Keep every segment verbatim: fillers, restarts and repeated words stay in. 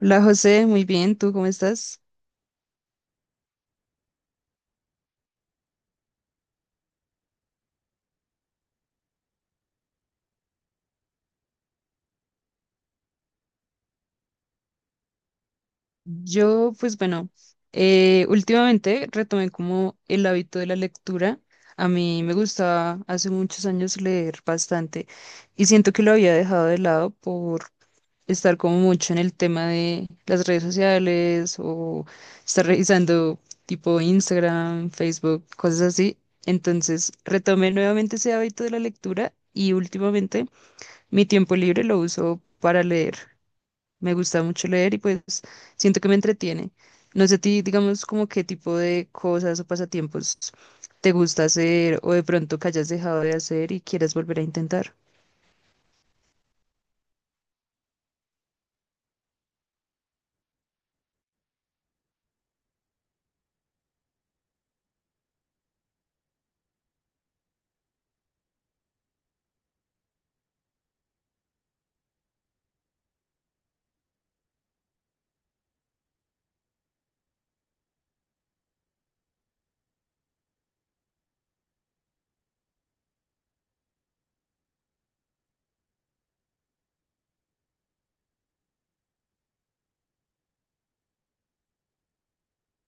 Hola José, muy bien, ¿tú cómo estás? Yo, pues bueno, eh, últimamente retomé como el hábito de la lectura. A mí me gustaba hace muchos años leer bastante y siento que lo había dejado de lado por estar como mucho en el tema de las redes sociales o estar revisando tipo Instagram, Facebook, cosas así. Entonces retomé nuevamente ese hábito de la lectura y últimamente mi tiempo libre lo uso para leer. Me gusta mucho leer y pues siento que me entretiene. No sé a ti, digamos, como qué tipo de cosas o pasatiempos te gusta hacer o de pronto que hayas dejado de hacer y quieras volver a intentar.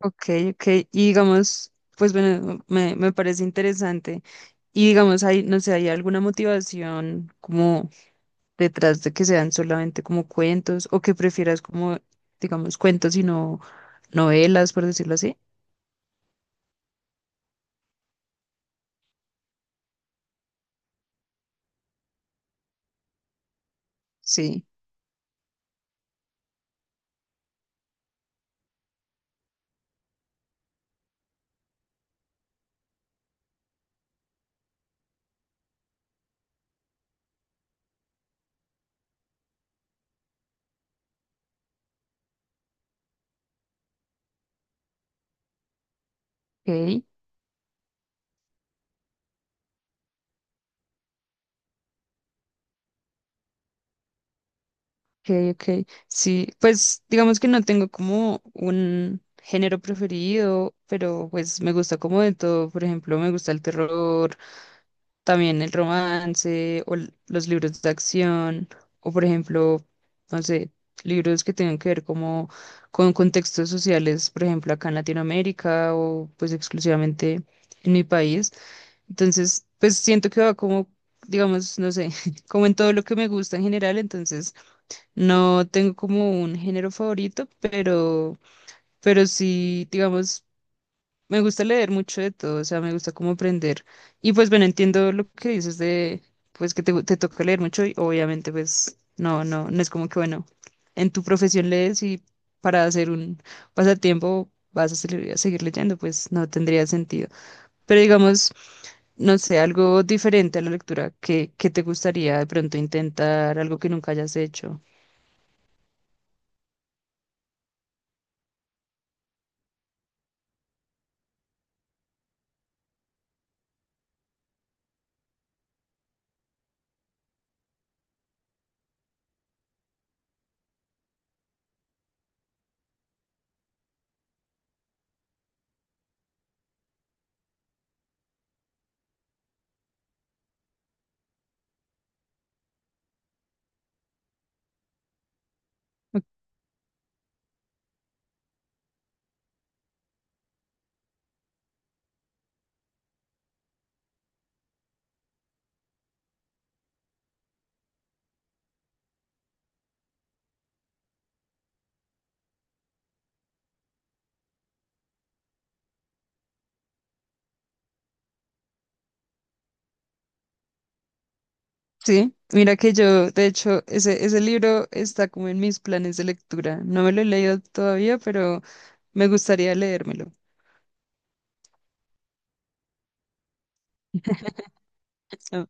Ok, ok. Y digamos, pues bueno, me, me parece interesante. Y digamos, hay, no sé, ¿hay alguna motivación como detrás de que sean solamente como cuentos o que prefieras como, digamos, cuentos y no novelas, por decirlo así? Sí. Ok. Okay, okay, sí, pues digamos que no tengo como un género preferido, pero pues me gusta como de todo. Por ejemplo, me gusta el terror, también el romance o l- los libros de acción, o por ejemplo, no sé, libros que tengan que ver como con contextos sociales, por ejemplo, acá en Latinoamérica o pues exclusivamente en mi país. Entonces, pues siento que va como, digamos, no sé, como en todo lo que me gusta en general, entonces... No tengo como un género favorito, pero, pero sí, digamos, me gusta leer mucho de todo, o sea, me gusta como aprender. Y pues bueno, entiendo lo que dices de, pues que te, gu- te toca leer mucho y obviamente pues no, no, no es como que bueno, en tu profesión lees y para hacer un pasatiempo vas a seguir, a seguir leyendo, pues no tendría sentido. Pero digamos, no sé, algo diferente a la lectura que, que te gustaría de pronto intentar, algo que nunca hayas hecho. Sí, mira que yo, de hecho, ese, ese libro está como en mis planes de lectura. No me lo he leído todavía, pero me gustaría leérmelo. Ok,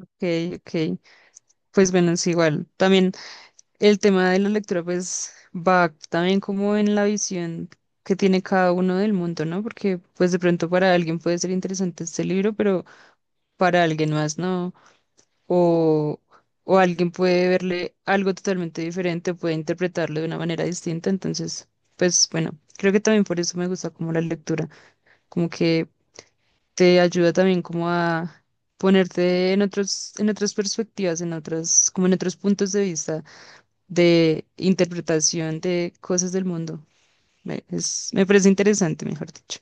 ok. Pues bueno, es igual. También el tema de la lectura, pues va también como en la visión que tiene cada uno del mundo, ¿no? Porque pues de pronto para alguien puede ser interesante este libro, pero para alguien más no. O, o alguien puede verle algo totalmente diferente, puede interpretarlo de una manera distinta. Entonces, pues bueno, creo que también por eso me gusta como la lectura, como que te ayuda también como a ponerte en otros, en otras perspectivas, en otras, como en otros puntos de vista de interpretación de cosas del mundo. Me, es- me parece interesante, mejor dicho.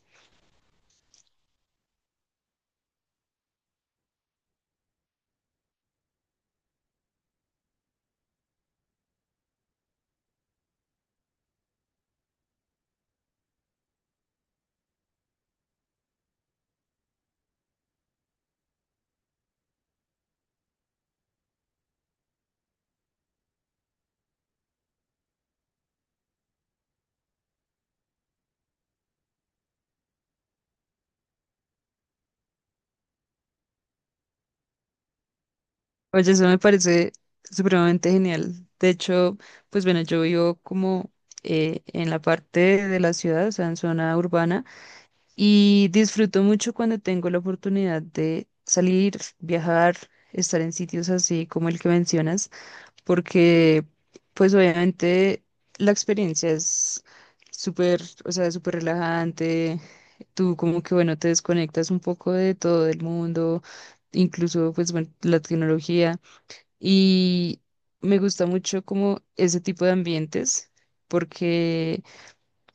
Oye, eso me parece supremamente genial. De hecho, pues bueno, yo vivo como eh, en la parte de la ciudad, o sea, en zona urbana, y disfruto mucho cuando tengo la oportunidad de salir, viajar, estar en sitios así como el que mencionas, porque pues obviamente la experiencia es súper, o sea, súper relajante, tú como que bueno, te desconectas un poco de todo el mundo, incluso pues bueno, la tecnología. Y me gusta mucho como ese tipo de ambientes, porque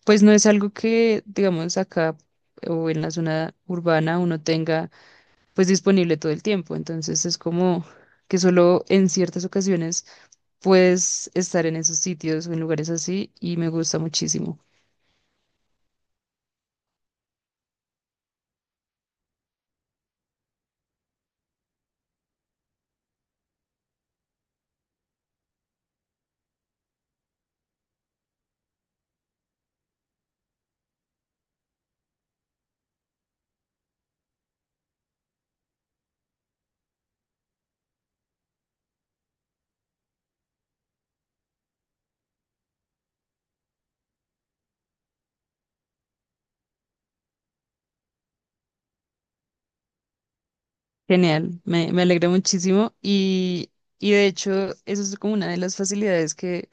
pues no es algo que, digamos, acá o en la zona urbana uno tenga pues disponible todo el tiempo. Entonces es como que solo en ciertas ocasiones puedes estar en esos sitios o en lugares así y me gusta muchísimo. Genial, me, me alegra muchísimo y, y de hecho eso es como una de las facilidades que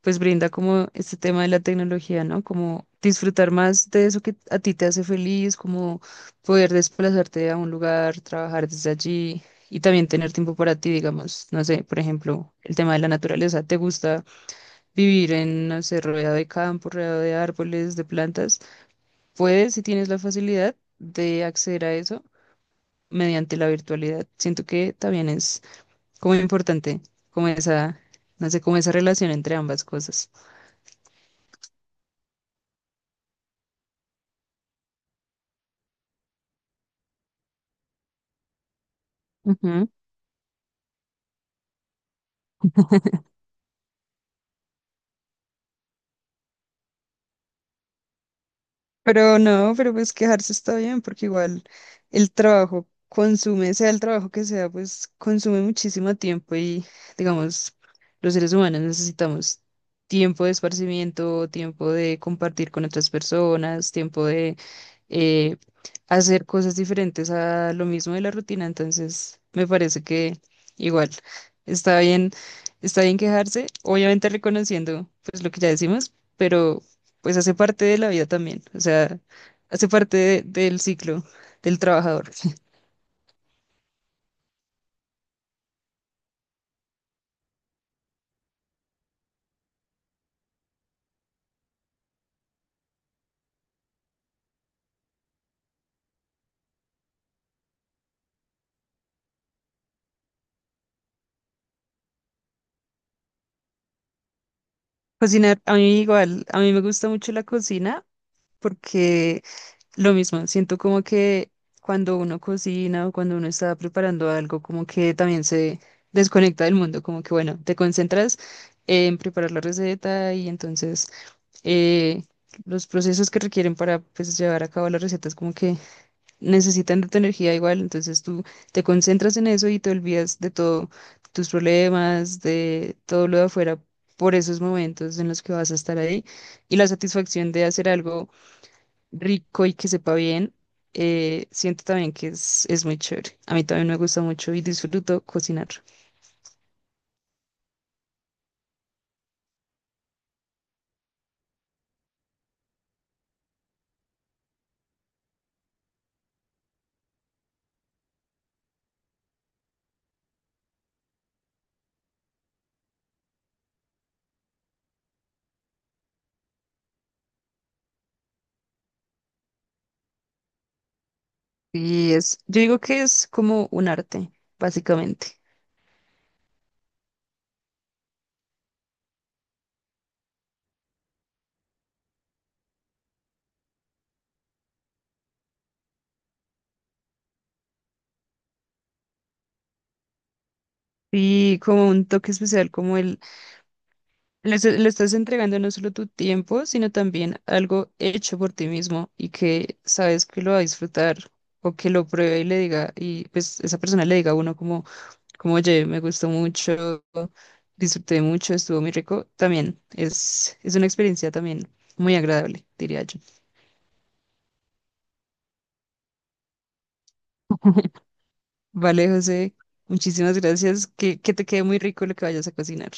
pues brinda como este tema de la tecnología, ¿no? Como disfrutar más de eso que a ti te hace feliz, como poder desplazarte a un lugar, trabajar desde allí y también tener tiempo para ti, digamos, no sé, por ejemplo, el tema de la naturaleza, ¿te gusta vivir en, no sé, rodeado de campo, rodeado de árboles, de plantas? Puedes, si tienes la facilidad de acceder a eso mediante la virtualidad. Siento que también es como importante, como esa, no sé, como esa relación entre ambas cosas. Pero no, pero pues quejarse está bien, porque igual el trabajo consume, sea el trabajo que sea, pues consume muchísimo tiempo y digamos, los seres humanos necesitamos tiempo de esparcimiento, tiempo de compartir con otras personas, tiempo de eh, hacer cosas diferentes a lo mismo de la rutina. Entonces, me parece que igual está bien, está bien quejarse, obviamente reconociendo pues lo que ya decimos, pero pues hace parte de la vida también, o sea, hace parte de- del ciclo del trabajador. Cocinar, a mí igual, a mí me gusta mucho la cocina porque lo mismo, siento como que cuando uno cocina o cuando uno está preparando algo, como que también se desconecta del mundo, como que bueno, te concentras en preparar la receta y entonces eh, los procesos que requieren para pues llevar a cabo la receta es como que necesitan de tu energía igual, entonces tú te concentras en eso y te olvidas de todo, tus problemas, de todo lo de afuera, por esos momentos en los que vas a estar ahí. Y la satisfacción de hacer algo rico y que sepa bien, eh, siento también que es, es muy chévere. A mí también me gusta mucho y disfruto cocinar. Y es, yo digo que es como un arte, básicamente. Y como un toque especial, como Le, est- le estás entregando no solo tu tiempo, sino también algo hecho por ti mismo y que sabes que lo va a disfrutar o que lo pruebe y le diga, y pues esa persona le diga a uno como, como, oye, me gustó mucho, disfruté mucho, estuvo muy rico. También es, es una experiencia también muy agradable, diría yo. Vale, José, muchísimas gracias. Que, que te quede muy rico lo que vayas a cocinar.